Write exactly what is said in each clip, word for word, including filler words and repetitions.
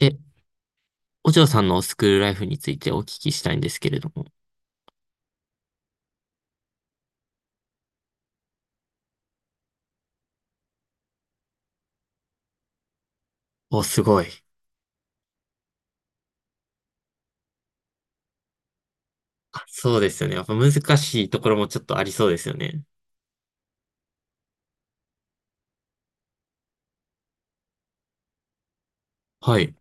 え、お嬢さんのスクールライフについてお聞きしたいんですけれども。お、すごい。あ、そうですよね。やっぱ難しいところもちょっとありそうですよね。はい。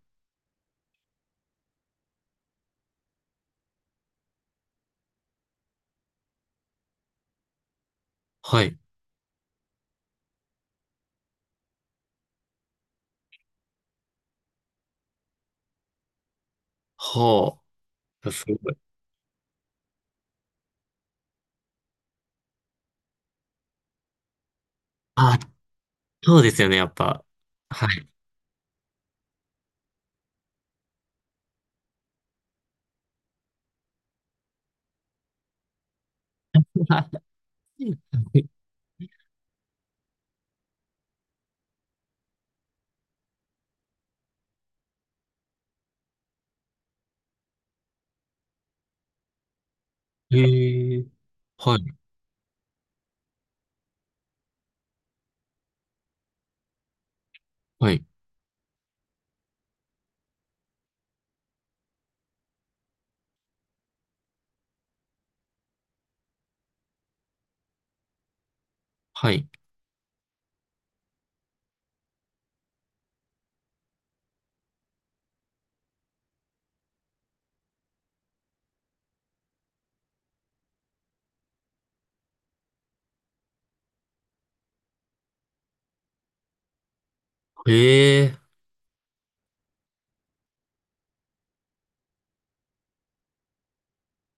はい。はあ。すごい。あ、そうですよね。やっぱ。はい。ええ、はい。はい。はい。ええ、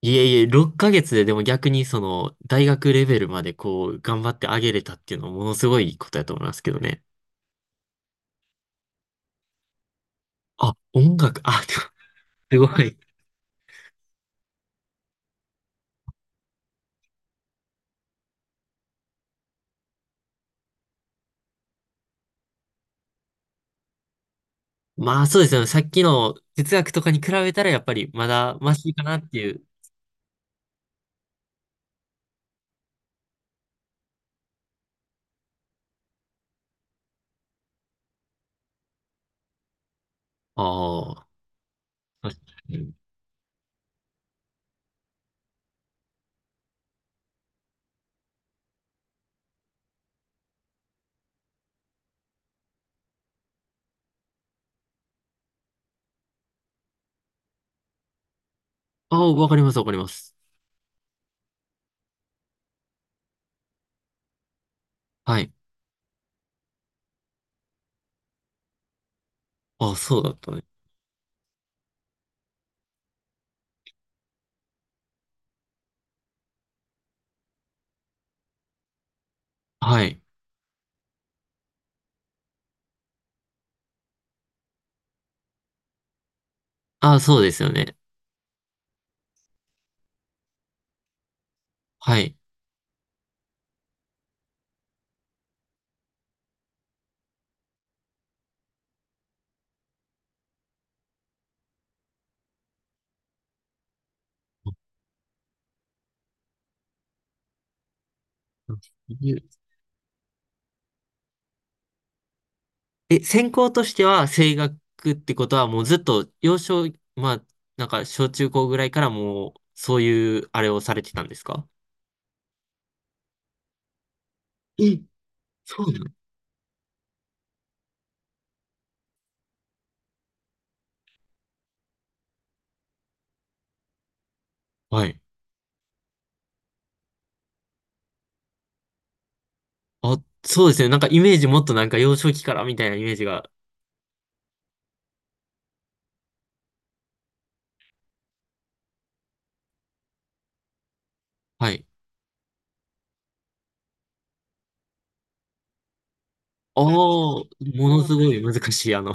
いえいえ、ろっかげつででも逆にその大学レベルまでこう頑張ってあげれたっていうのはものすごいことやと思いますけどね。あ、音楽、あ、すごい。まあそうですよね。さっきの哲学とかに比べたらやっぱりまだマシかなっていう。ああ。確かに。ああ、わかります、わかります。はい。ああ、そうだったね。はい。ああ、そうですよね。はい。え、専攻としては声楽ってことはもうずっと幼少、まあ、なんか小中高ぐらいからもうそういうあれをされてたんですか？え、そうなの？はい。あ、そうですね。なんかイメージもっとなんか幼少期からみたいなイメージが。はい。ああ、ものすごい難しい、あの、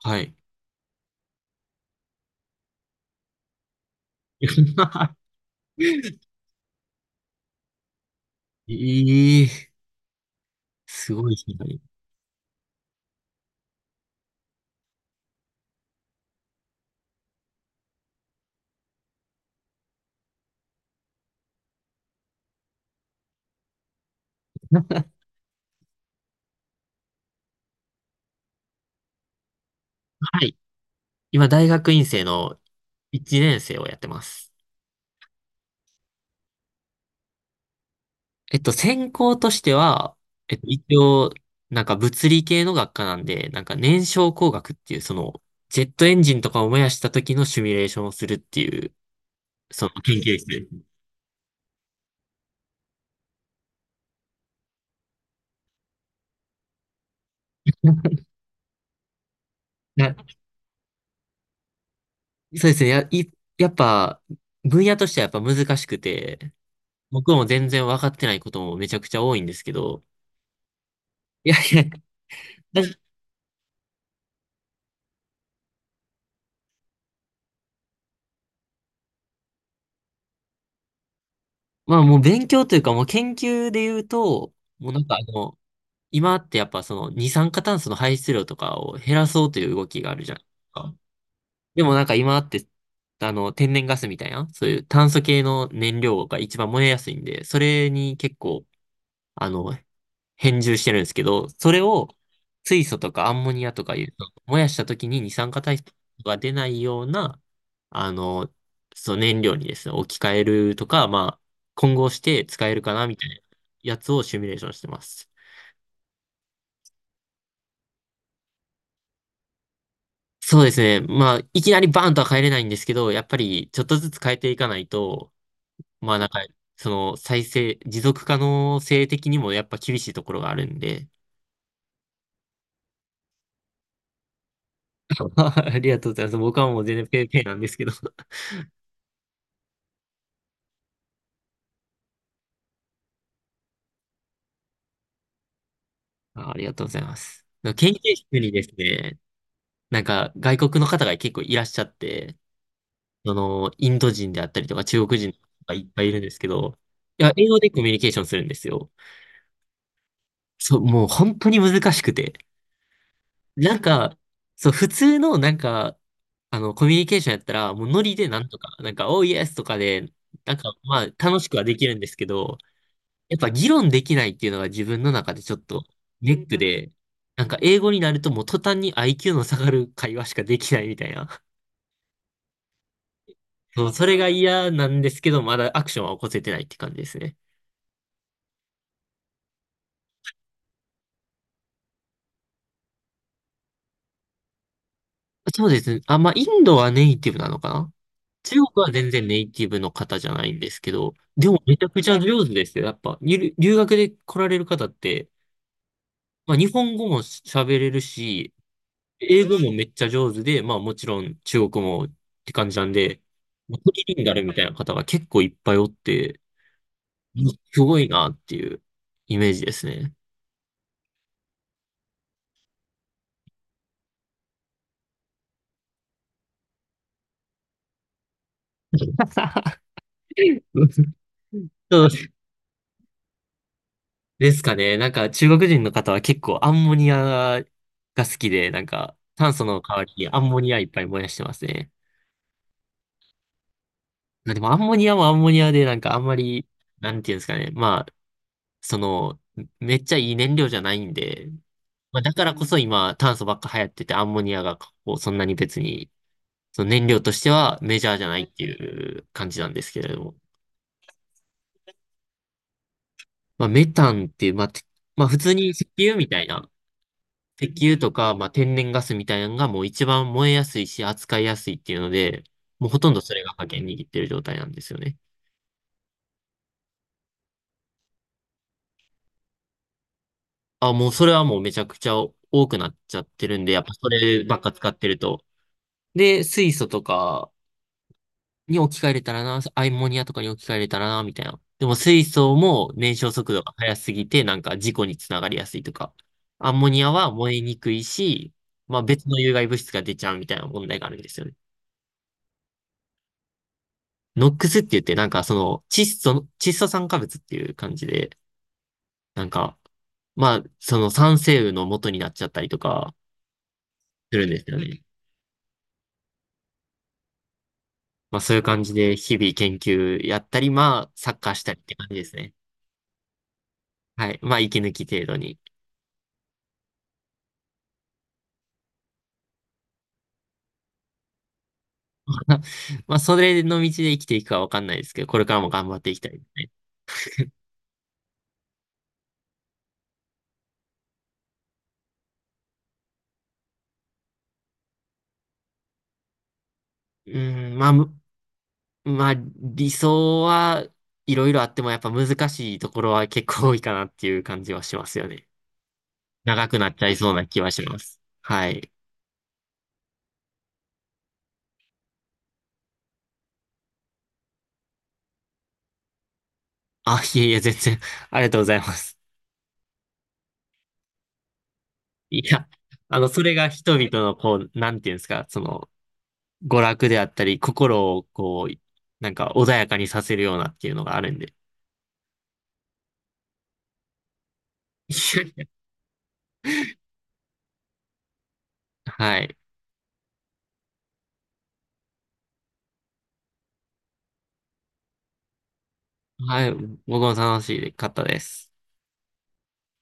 はい。ええ、すごいですね。はい。今、大学院生のいちねん生をやってます。えっと、専攻としては、えっと、一応、なんか物理系の学科なんで、なんか燃焼工学っていう、その、ジェットエンジンとかを燃やした時のシミュレーションをするっていう、その研究室です。なそうですね。や、いやっぱ、分野としてはやっぱ難しくて、僕も全然分かってないこともめちゃくちゃ多いんですけど、いやいや、だまあもう勉強というかもう研究で言うと、もうなんかあの、今ってやっぱその二酸化炭素の排出量とかを減らそうという動きがあるじゃないですか。でもなんか今ってあの天然ガスみたいな、そういう炭素系の燃料が一番燃えやすいんで、それに結構あの変重してるんですけど、それを水素とかアンモニアとかいうと、燃やした時に二酸化炭素が出ないような、あの、そう燃料にですね、置き換えるとか、まあ、混合して使えるかなみたいなやつをシミュレーションしてます。そうですね。まあ、いきなりバーンとは変えれないんですけど、やっぱりちょっとずつ変えていかないと、まあなんか、その再生、持続可能性的にもやっぱ厳しいところがあるんで。ありがとうございます。僕はもう全然ペーペーなんですけど。あ、ありがとうございます。なんか研究室にですね、なんか外国の方が結構いらっしゃって、その、インド人であったりとか中国人がいっぱいいるんですけど、いや、英語でコミュニケーションするんですよ。そう、もう本当に難しくて。なんか、そう、普通のなんか、あの、コミュニケーションやったら、もうノリでなんとか、なんか、おーイエスとかで、なんか、まあ、楽しくはできるんですけど、やっぱ議論できないっていうのが自分の中でちょっとネックで、なんか英語になるともう途端に アイキュー の下がる会話しかできないみたいな。そう、それが嫌なんですけど、まだアクションは起こせてないって感じですね。そうですね。あ、まあ、インドはネイティブなのかな？中国は全然ネイティブの方じゃないんですけど、でもめちゃくちゃ上手ですよ。やっぱ、ゆ留学で来られる方って、まあ、日本語も喋れるし、英語もめっちゃ上手で、まあもちろん中国もって感じなんで、まあトリリンガルみたいな方が結構いっぱいおって、すごいなっていうイメージですね。そうですかね。なんか中国人の方は結構アンモニアが好きで、なんか炭素の代わりにアンモニアいっぱい燃やしてますね。でもアンモニアもアンモニアで、なんかあんまり、なんていうんですかね。まあ、その、めっちゃいい燃料じゃないんで、まあ、だからこそ今、炭素ばっか流行ってて、アンモニアがこうそんなに別に、その燃料としてはメジャーじゃないっていう感じなんですけれども。まあ、メタンっていう、まあ、てまあ、普通に石油みたいな、石油とか、まあ、天然ガスみたいなのがもう一番燃えやすいし、扱いやすいっていうので、もうほとんどそれが覇権握ってる状態なんですよね。あ、もうそれはもうめちゃくちゃ多くなっちゃってるんで、やっぱそればっか使ってると。で、水素とかに置き換えれたらな、アンモニアとかに置き換えれたらな、みたいな。でも水素も燃焼速度が速すぎて、なんか事故につながりやすいとか。アンモニアは燃えにくいし、まあ別の有害物質が出ちゃうみたいな問題があるんですよね。ノックスって言って、なんかその窒素窒素酸化物っていう感じで、なんか、まあその酸性雨の元になっちゃったりとかするんですよね。まあそういう感じで日々研究やったり、まあサッカーしたりって感じですね。はい。まあ息抜き程度に。まあ、まあそれの道で生きていくかわかんないですけど、これからも頑張っていきたいですね。うーん、まあ、むまあ、理想はいろいろあっても、やっぱ難しいところは結構多いかなっていう感じはしますよね。長くなっちゃいそうな気はします。はい。あ、いえいえ、全然、ありがとうございます。いや、あの、それが人々の、こう、なんていうんですか、その、娯楽であったり、心を、こう、なんか穏やかにさせるようなっていうのがあるんで。はい。はい、僕も楽しかったです。